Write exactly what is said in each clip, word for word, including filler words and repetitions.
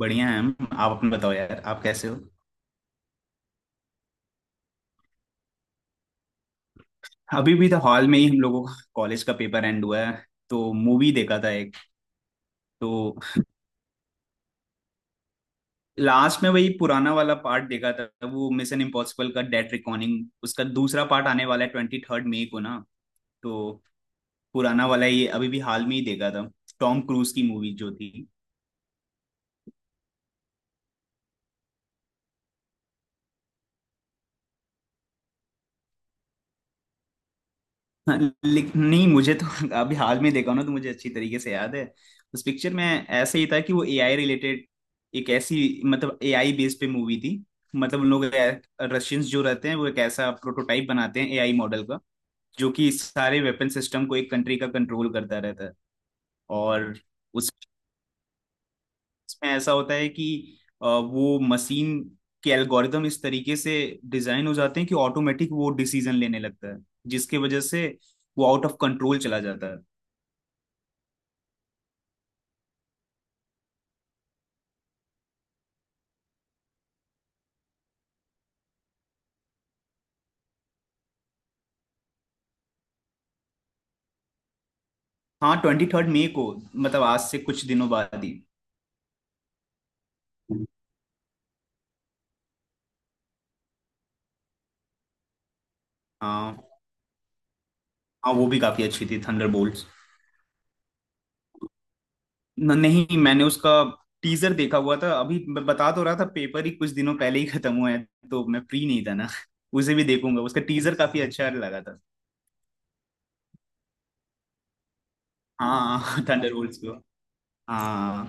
बढ़िया है। हम आप अपना बताओ यार, आप कैसे हो। अभी भी तो हॉल में ही हम लोगों का कॉलेज का पेपर एंड हुआ है, तो मूवी देखा था एक। तो लास्ट में वही पुराना वाला पार्ट देखा था, वो मिशन इम्पॉसिबल का डेड रिकॉर्डिंग। उसका दूसरा पार्ट आने वाला है ट्वेंटी थर्ड मई को ना। तो पुराना वाला ये अभी भी हाल में ही देखा था, टॉम क्रूज की मूवी जो थी। हाँ, लेक- नहीं मुझे तो अभी हाल में देखा ना, तो मुझे अच्छी तरीके से याद है। उस पिक्चर में ऐसे ही था कि वो एआई रिलेटेड, एक ऐसी मतलब एआई बेस पे मूवी थी। मतलब उन लोग रशियंस जो रहते हैं, वो एक ऐसा प्रोटोटाइप बनाते हैं एआई मॉडल का, जो कि सारे वेपन सिस्टम को एक कंट्री का कंट्रोल करता रहता है। और उस उसमें ऐसा होता है कि अ, वो मशीन के एल्गोरिदम इस तरीके से डिजाइन हो जाते हैं कि ऑटोमेटिक वो डिसीजन लेने लगता है, जिसके वजह से वो आउट ऑफ कंट्रोल चला जाता है। हाँ, ट्वेंटी थर्ड मई को, मतलब आज से कुछ दिनों बाद ही। हाँ। हाँ वो भी काफी अच्छी थी थंडरबोल्ट्स। न, नहीं मैंने उसका टीजर देखा हुआ था। अभी मैं बता तो रहा था, पेपर ही कुछ दिनों पहले ही खत्म हुआ है तो मैं फ्री नहीं था ना। उसे भी देखूंगा, उसका टीजर काफी अच्छा लगा था। हाँ थंडरबोल्ट्स को। हाँ,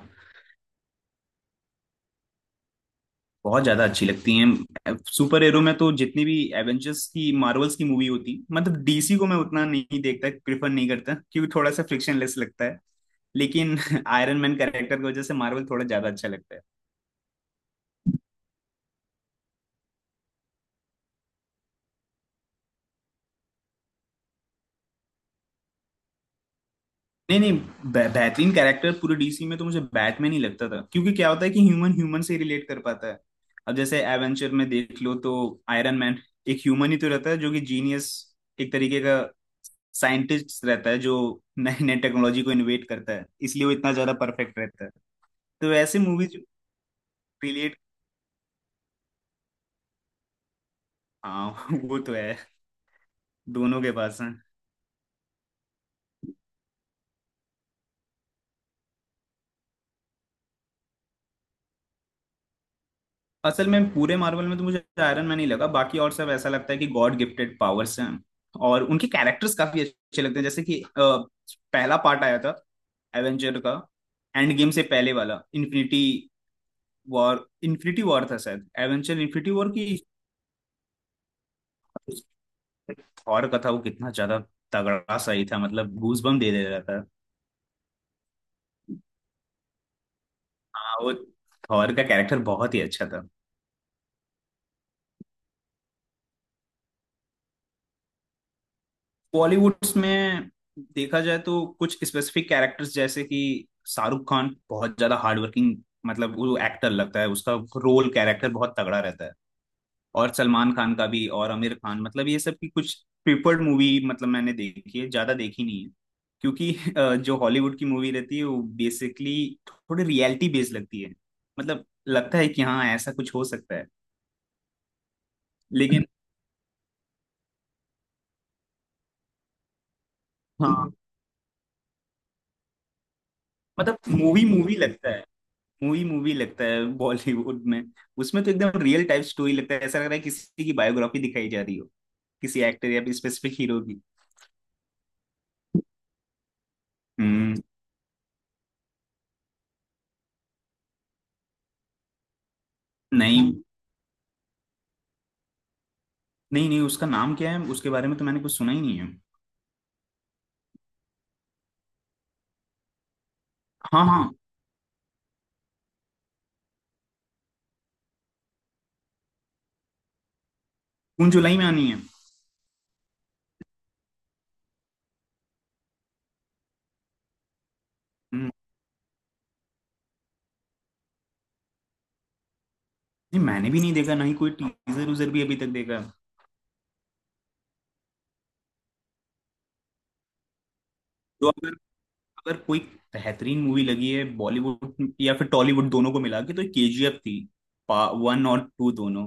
बहुत ज्यादा अच्छी लगती हैं। सुपर हीरो में तो जितनी भी एवेंजर्स की, मार्वल्स की मूवी होती, मतलब डीसी को मैं उतना नहीं देखता, प्रिफर नहीं करता, क्योंकि थोड़ा सा फ्रिक्शनलेस लगता है। लेकिन आयरन मैन कैरेक्टर की वजह से मार्वल थोड़ा ज्यादा अच्छा लगता है। नहीं नहीं, बे- बेहतरीन कैरेक्टर पूरे डीसी में तो मुझे बैटमैन ही लगता था, क्योंकि क्या होता है कि ह्यूमन ह्यूमन से रिलेट कर पाता है। अब जैसे एवेंचर में देख लो तो आयरन मैन एक ह्यूमन ही तो रहता है, जो कि जीनियस एक तरीके का साइंटिस्ट रहता है, जो नए नए टेक्नोलॉजी को इनोवेट करता है, इसलिए वो इतना ज्यादा परफेक्ट रहता है। तो ऐसे मूवीज रिलेट। हाँ वो तो है, दोनों के पास। असल में पूरे मार्वल में तो मुझे आयरन मैन ही लगा, बाकी और सब ऐसा लगता है कि गॉड गिफ्टेड पावर्स हैं। और उनके कैरेक्टर्स काफी अच्छे लगते हैं। जैसे कि अ, पहला पार्ट आया था एवेंजर का, एंड गेम से पहले वाला, इन्फिनिटी वॉर इन्फिनिटी वॉर था शायद, एवेंजर इन्फिनिटी वॉर की। थॉर का था वो, कितना ज्यादा तगड़ा सही था, मतलब गूज बम दे दे रहा था। हाँ, वो थॉर का कैरेक्टर बहुत ही अच्छा था। बॉलीवुड्स में देखा जाए तो कुछ स्पेसिफिक कैरेक्टर्स, जैसे कि शाहरुख खान बहुत ज्यादा हार्डवर्किंग, मतलब वो एक्टर लगता है, उसका रोल कैरेक्टर बहुत तगड़ा रहता है। और सलमान खान का भी, और आमिर खान, मतलब ये सब की कुछ प्रिफर्ड मूवी, मतलब मैंने देखी है, ज्यादा देखी नहीं है, क्योंकि अ, जो हॉलीवुड की मूवी रहती है वो बेसिकली थोड़ी रियलिटी बेस्ड लगती है। मतलब लगता है कि हाँ, ऐसा कुछ हो सकता है। लेकिन हाँ, मतलब मूवी मूवी लगता है, मूवी मूवी लगता है बॉलीवुड में। उसमें तो एकदम रियल टाइप स्टोरी लगता है, ऐसा लग रहा है किसी की बायोग्राफी दिखाई जा रही हो, किसी एक्टर या स्पेसिफिक हीरो की। हम्म। नहीं। नहीं नहीं उसका नाम क्या है, उसके बारे में तो मैंने कुछ सुना ही नहीं है। हाँ हाँ। जून जुलाई में आनी है। हम्म, नहीं मैंने भी नहीं देखा, ना ही कोई टीजर उजर भी अभी तक देखा है। तो अगर अगर कोई बेहतरीन मूवी लगी है बॉलीवुड या फिर टॉलीवुड दोनों को मिला के, तो केजीएफ थी, वन और टू दोनों।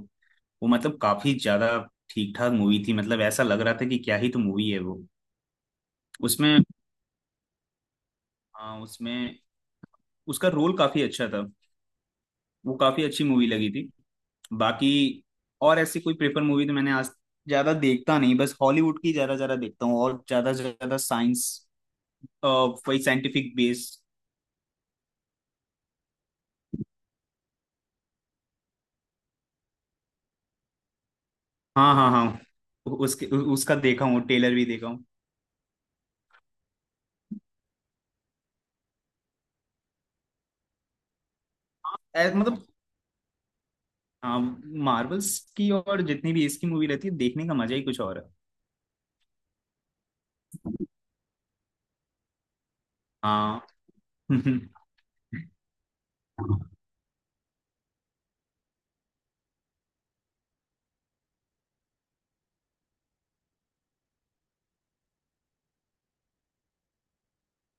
वो मतलब काफी ज्यादा ठीक ठाक मूवी थी, मतलब ऐसा लग रहा था कि क्या ही तो मूवी है वो। उसमें, हाँ उसमें उसका रोल काफी अच्छा था, वो काफी अच्छी मूवी लगी थी। बाकी और ऐसी कोई प्रेफर मूवी तो मैंने आज ज्यादा देखता नहीं, बस हॉलीवुड की ज्यादा ज्यादा देखता हूँ, और ज्यादा से ज्यादा साइंस, वही साइंटिफिक बेस। हाँ हाँ हाँ, उसके उसका देखा हूँ, टेलर भी देखा हूँ। हाँ, ऐ- मतलब हाँ, मार्वल्स की और जितनी भी इसकी मूवी रहती है, देखने का मजा ही कुछ और है। हाँ।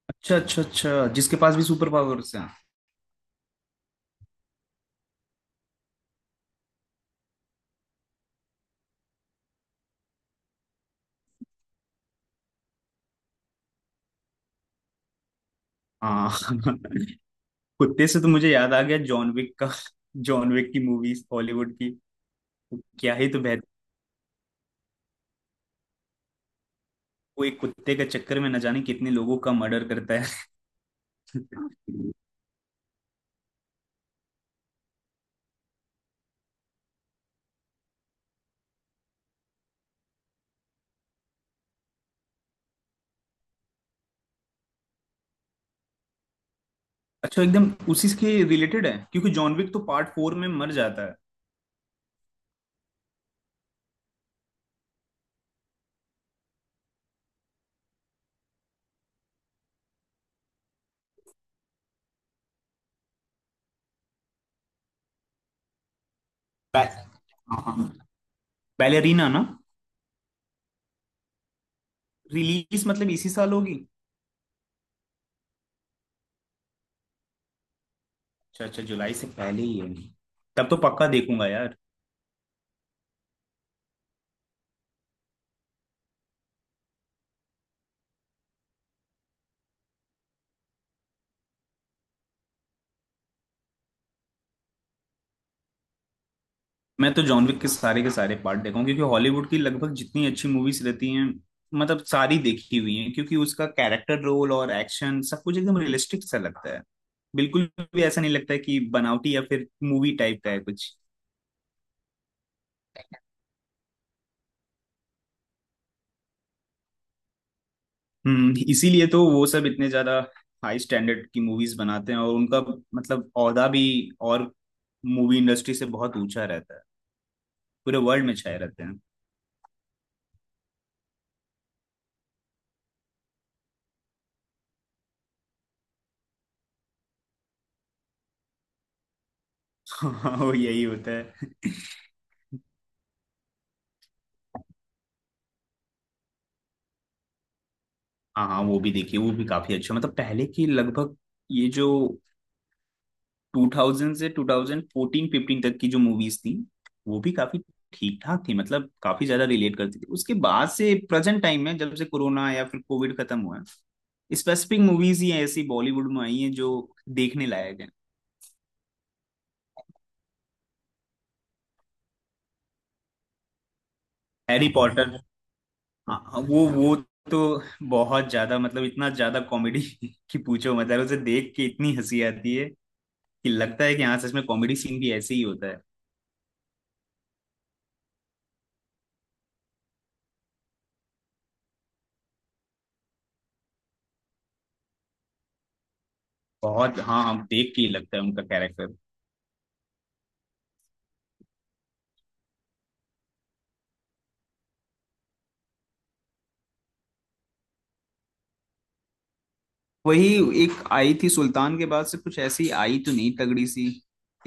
अच्छा अच्छा अच्छा, जिसके पास भी सुपर पावर्स हैं। हाँ कुत्ते से तो मुझे याद आ गया जॉन विक का, जॉन विक की मूवीज हॉलीवुड की, वो क्या ही तो बेहतर। वो एक कुत्ते के चक्कर में न जाने कितने लोगों का मर्डर करता है। अच्छा, एकदम उसी के रिलेटेड है, क्योंकि जॉन विक तो पार्ट फोर में मर जाता है। बै, बैलेरीना ना। रिलीज मतलब इसी साल होगी। अच्छा अच्छा, जुलाई से पहले ही है, तब तो पक्का देखूंगा यार। मैं तो जॉन विक के सारे के सारे पार्ट देखा हूँ, क्योंकि हॉलीवुड की लगभग जितनी अच्छी मूवीज रहती हैं मतलब सारी देखी हुई हैं, क्योंकि उसका कैरेक्टर रोल और एक्शन सब कुछ एकदम रियलिस्टिक सा लगता है। बिल्कुल भी ऐसा नहीं लगता है कि बनावटी या फिर मूवी टाइप का है कुछ। हम्म, इसीलिए तो वो सब इतने ज्यादा हाई स्टैंडर्ड की मूवीज बनाते हैं, और उनका मतलब औहदा भी, और मूवी इंडस्ट्री से बहुत ऊंचा रहता है, पूरे वर्ल्ड में छाए रहते हैं। वो यही होता है। हाँ हाँ, वो भी देखिए, वो भी काफी अच्छा। मतलब पहले की लगभग, ये जो दो हज़ार से ट्वेंटी फोर्टीन फ़िफ़्टीन तक की जो मूवीज थी, वो भी काफी ठीक ठाक थी, मतलब काफी ज्यादा रिलेट करती थी। उसके बाद से प्रेजेंट टाइम में, जब से कोरोना या फिर कोविड खत्म हुआ है, स्पेसिफिक मूवीज ही ऐसी बॉलीवुड में आई हैं जो देखने लायक है। हैरी पॉटर, हाँ हाँ, वो वो तो बहुत ज्यादा, मतलब इतना ज्यादा कॉमेडी की पूछो, मतलब उसे देख के इतनी हंसी आती है कि लगता है कि हाँ सच में कॉमेडी सीन भी ऐसे ही होता है। बहुत, हाँ, हम देख के ही लगता है उनका कैरेक्टर। वही, एक आई थी सुल्तान के बाद से, कुछ ऐसी आई तो नहीं तगड़ी सी।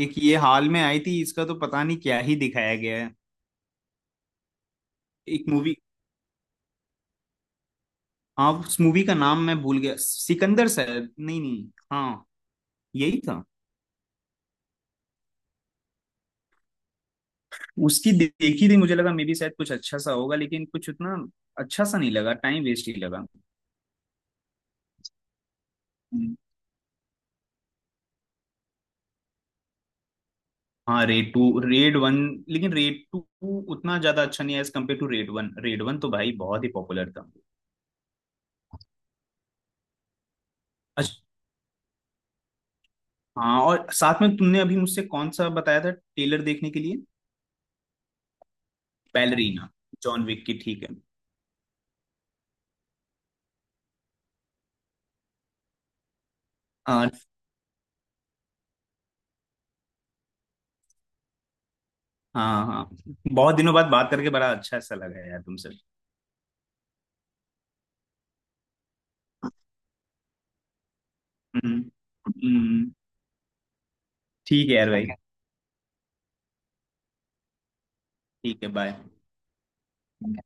एक ये हाल में आई थी, इसका तो पता नहीं क्या ही दिखाया गया है। एक मूवी, हाँ उस मूवी का नाम मैं भूल गया, सिकंदर शायद, नहीं नहीं, हाँ यही था। उसकी दे- देखी थी, मुझे लगा मे बी शायद कुछ अच्छा सा होगा, लेकिन कुछ उतना अच्छा सा नहीं लगा, टाइम वेस्ट ही लगा। हम्म। हाँ, रेड टू, रेड वन, लेकिन रेड टू उतना ज्यादा अच्छा नहीं है as compared to Raid one. Raid one तो भाई बहुत ही पॉपुलर था। हाँ, और साथ में तुमने अभी मुझसे कौन सा बताया था टेलर देखने के लिए, बैलरीना, जॉन विक की। ठीक है। हाँ हाँ हाँ, बहुत दिनों बाद बात करके बड़ा अच्छा सा लगा यार तुमसे। हम्म। हम्म, ठीक है यार भाई, ठीक है, बाय।